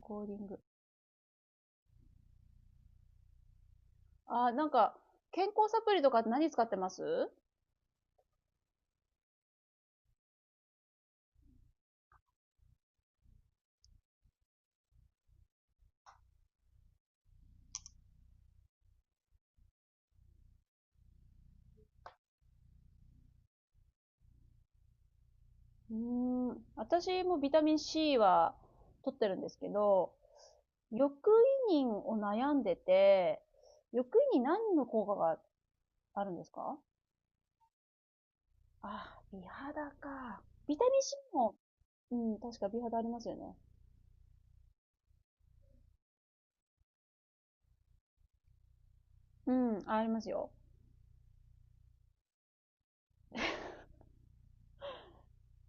コーディング。なんか、健康サプリとか何使ってます？私もビタミン C は取ってるんですけど、緑胃妊を悩んでて、緑胃に何の効果があるんですか？あ、美肌か。ビタミン C も、うん、確か美肌ありますよね。うん、ありますよ。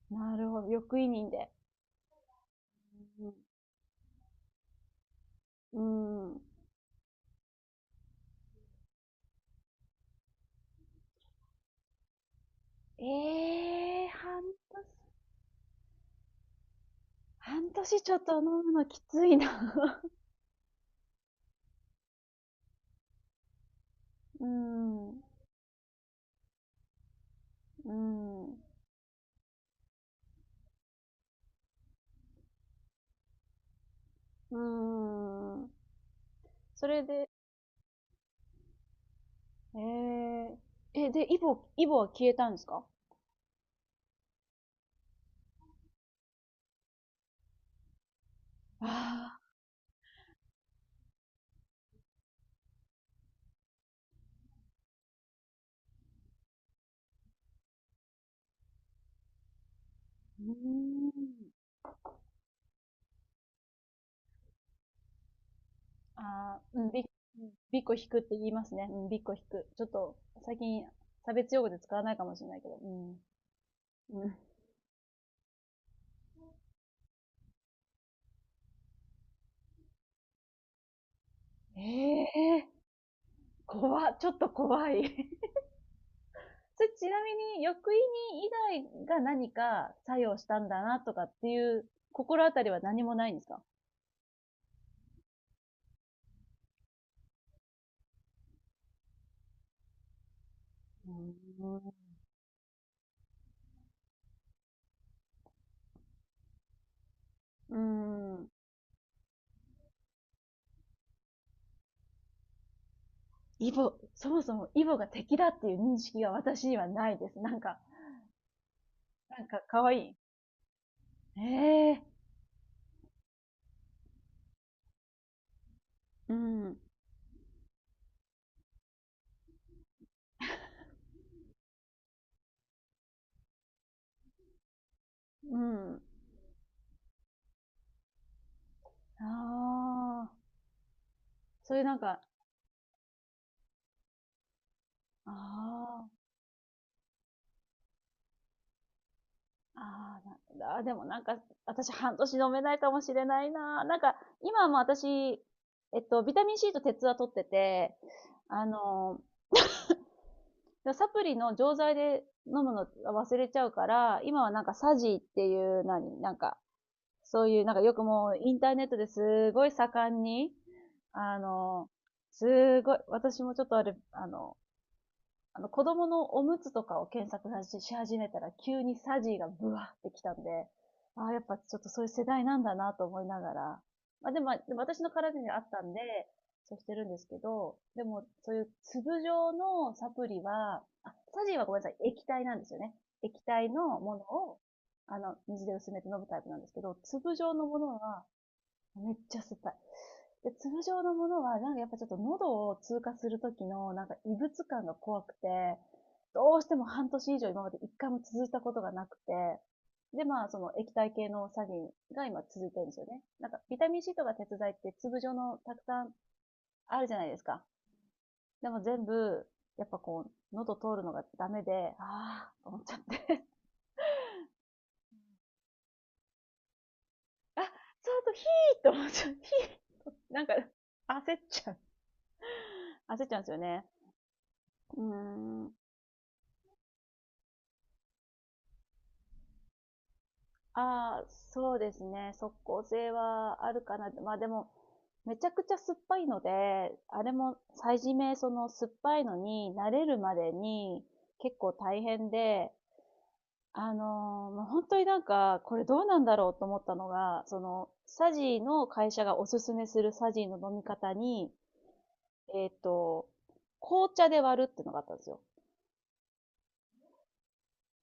なるほど、緑胃妊で。うん。うん。ええー、半年、半年ちょっと飲むのきついな。うん、うん、うん。それで、えー、で、イボは消えたんですか？ああー、うーん。ああ、うん、うん。びっこ引くって言いますね。うん、びっこ引く。ちょっと、最近、差別用語で使わないかもしれないけど。うん。うん、ええー、怖っ、ちょっと怖い。それちなみに、欲意に以外が何か作用したんだなとかっていう心当たりは何もないんですか？うーん、うん。イボ、そもそもイボが敵だっていう認識が私にはないです。なんか、なんか可愛い。ええ、うん、うん。ああ、そういうなんか、ああ、ああ、なんだ、でもなんか、私半年飲めないかもしれないな。なんか、今も私、ビタミン C と鉄は取ってて、あの、サプリの錠剤で飲むの忘れちゃうから、今はなんかサジーっていう、何、なんか、そういう、なんかよくもうインターネットですごい盛んに、あの、すごい、私もちょっとあれ、子供のおむつとかを検索し始めたら、急にサジーがブワーってきたんで、ああ、やっぱちょっとそういう世代なんだなと思いながら。まあ、でも私の体にはあったんで、そうしてるんですけど、でも、そういう粒状のサプリは、あ、サジーはごめんなさい、液体なんですよね。液体のものを、水で薄めて飲むタイプなんですけど、粒状のものは、めっちゃ酸っぱい。で、通常のものは、なんかやっぱちょっと喉を通過するときの、なんか異物感が怖くて、どうしても半年以上今まで一回も続いたことがなくて、で、まあ、その液体系のサリンが今続いてるんですよね。なんか、ビタミン C とか鉄剤って粒状のたくさんあるじゃないですか。でも全部、やっぱこう、喉通るのがダメで、あーと思っちゃって。あ、そうと、ヒーと思っちゃう。ヒー、なんか、焦っちゃう。焦っちゃうんですよね。うーん。ああ、そうですね。速攻性はあるかな。まあでも、めちゃくちゃ酸っぱいので、あれも最初め、その酸っぱいのに慣れるまでに結構大変で、まあ本当になんか、これどうなんだろうと思ったのが、その、サジの会社がおすすめするサジの飲み方に、えっと、紅茶で割るっていうのがあったんですよ。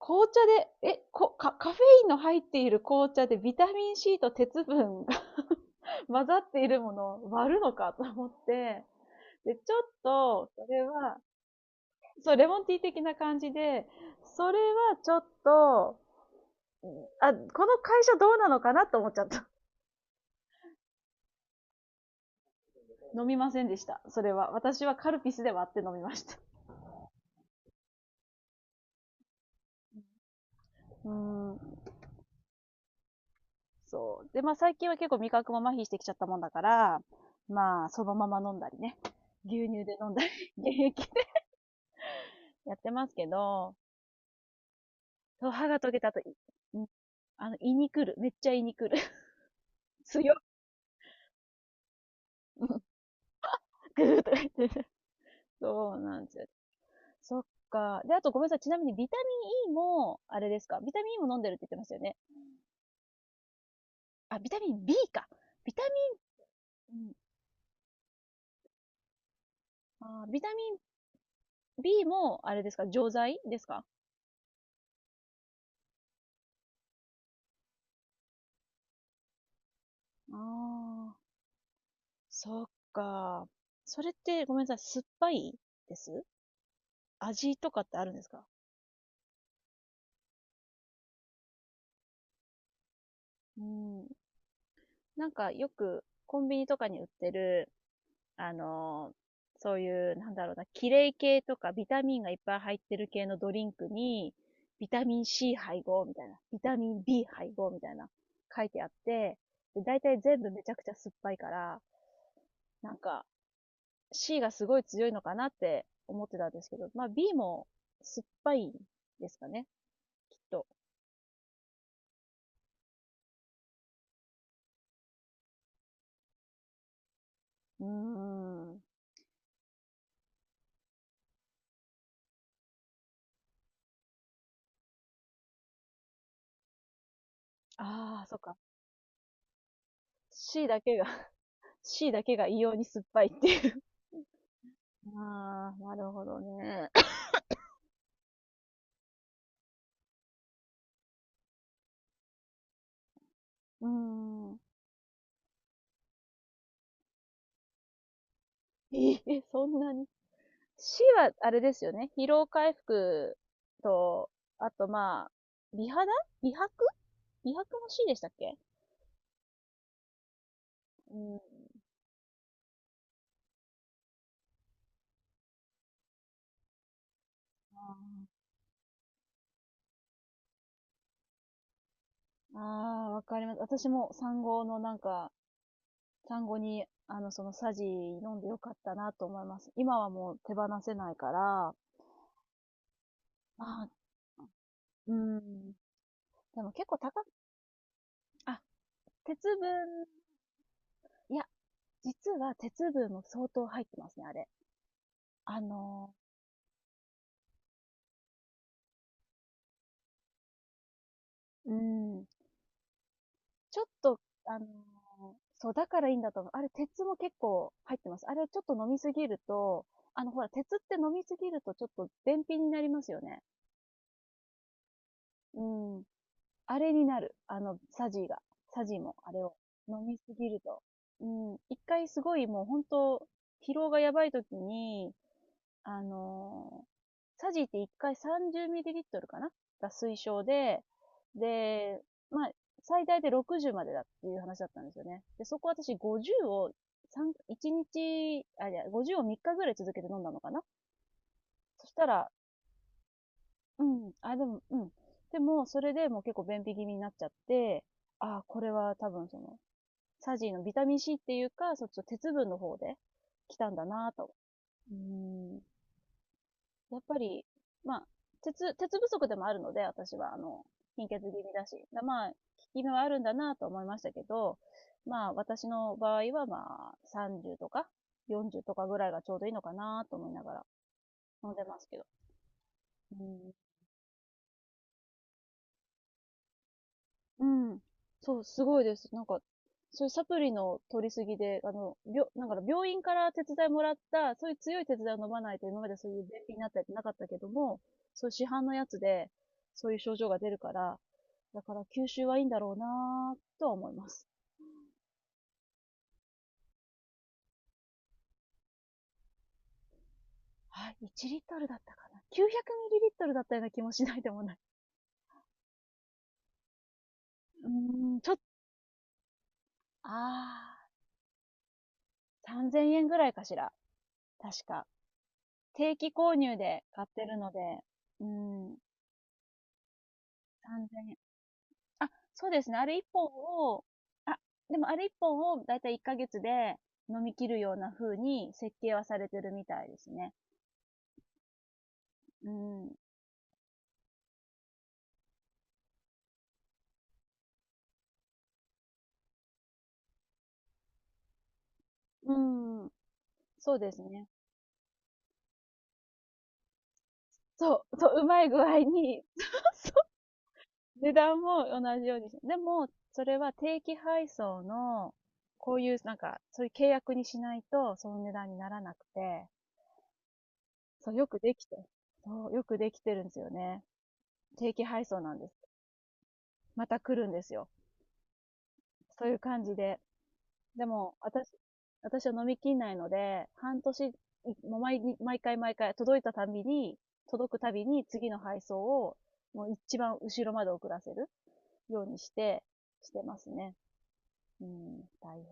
紅茶で、カカフェインの入っている紅茶でビタミン C と鉄分が 混ざっているものを割るのかと思って、で、ちょっと、それは、そう、レモンティー的な感じで、それはちょっと、あ、この会社どうなのかなと思っちゃった。飲みませんでした。それは。私はカルピスで割って飲みました。うーん。そう。で、まあ最近は結構味覚も麻痺してきちゃったもんだから、まあそのまま飲んだりね。牛乳で飲んだり、原液やってますけど、そう歯が溶けた後、いんあの、胃に来る。めっちゃ胃に来る。強っ。ぐーとか言ってる。そうなんですよ。そっか。で、あとごめんなさい。ちなみにビタミン E も、あれですか。ビタミン E も飲んでるって言ってましたよね。あ、ビタミン B か。ビタミン、うんビタミン B も、あれですか。錠剤ですか？ああ、そっか。それってごめんなさい。酸っぱいです味とかってあるんですか？うん。なんかよくコンビニとかに売ってる、あの、そういう、なんだろうな、キレイ系とかビタミンがいっぱい入ってる系のドリンクに、ビタミン C 配合みたいな、ビタミン B 配合みたいな、書いてあって、だいたい全部めちゃくちゃ酸っぱいから、なんか C がすごい強いのかなって思ってたんですけど、まあ B も酸っぱいんですかね、きっと。うーん。ああ、そっか。C だけが C だけが異様に酸っぱいっていう。ああ、なるほどね。うーん。ええ、そんなに。C はあれですよね。疲労回復と、あとまあ、美肌、美白、美白も C でしたっけ？うん。わかります。私も産後のなんか、産後に、そのサジ飲んでよかったなと思います。今はもう手放せないから、まあ、うーん。でも結構高く、あ、鉄分、いや、実は鉄分も相当入ってますね、あれ。あのうーん。ちょっと、あの、そう、だからいいんだと思う。あれ、鉄も結構入ってます。あれ、ちょっと飲みすぎると、ほら、鉄って飲みすぎるとちょっと便秘になりますよね。うん。あれになる。サジーが。サジーも、あれを。飲みすぎると。うん。一回すごいもう本当、疲労がやばい時に、あのサジって1回3 0トルかなが推奨で、で、まあ、最大で60までだっていう話だったんですよね。で、そこ私50を三1日、あ、いや、50を3日ぐらい続けて飲んだのかな。そしたら、うん、あ、でも、うん。でも、それでもう結構便秘気味になっちゃって、あ、これは多分その、サジのビタミン C っていうか、そっちの鉄分の方で来たんだなぁと。うん。やっぱり、まあ、鉄不足でもあるので、私は、貧血気味だし。まあ、効き目はあるんだなと思いましたけど、まあ、私の場合は、まあ、30とか、40とかぐらいがちょうどいいのかなと思いながら飲んでますけど。うん。うん。そう、すごいです。なんか、そういうサプリの取りすぎで、なんか病院から手伝いもらった、そういう強い手伝いを飲まないと今までそういう便秘になったりってなかったけども、そういう市販のやつで、そういう症状が出るから、だから吸収はいいんだろうなぁとは思います。はい、1リットルだったかな。900ml だったような気もしないでもない。うーん、ちょっああー、3000円ぐらいかしら。確か。定期購入で買ってるので、うん、3000円。あ、そうですね。あれ一本を、あ、でもあれ一本をだいたい1ヶ月で飲み切るような風に設計はされてるみたいですね。うん。うん。そうですね。そう、そう、うまい具合に、そう。値段も同じようにしでも、それは定期配送の、こういう、なんか、そういう契約にしないと、その値段にならなくて、そう、よくできて、そう、よくできてるんですよね。定期配送なんです。また来るんですよ。そういう感じで。でも、私は飲みきんないので、半年、もう毎日、毎回毎回、届いたたびに、届くたびに次の配送を、もう一番後ろまで遅らせるようにして、ますね。うん、大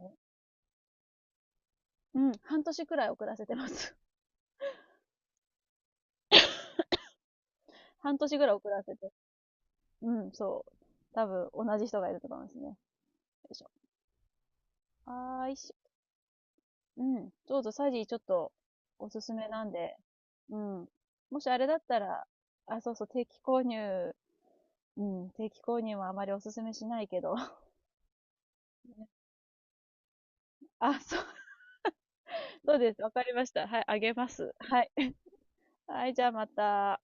変。うん、半年くらい遅らせてます。半年くらい遅らせて。うん、そう。多分、同じ人がいると思いますね。よいしょ。あーいしょ。うん。どうぞ、サジーちょっと、おすすめなんで。うん。もしあれだったら、あ、そうそう、定期購入、うん、定期購入はあまりお勧めしないけど。あ、そう、そうです。わかりました。はい、あげます。はい。はい、じゃあまた。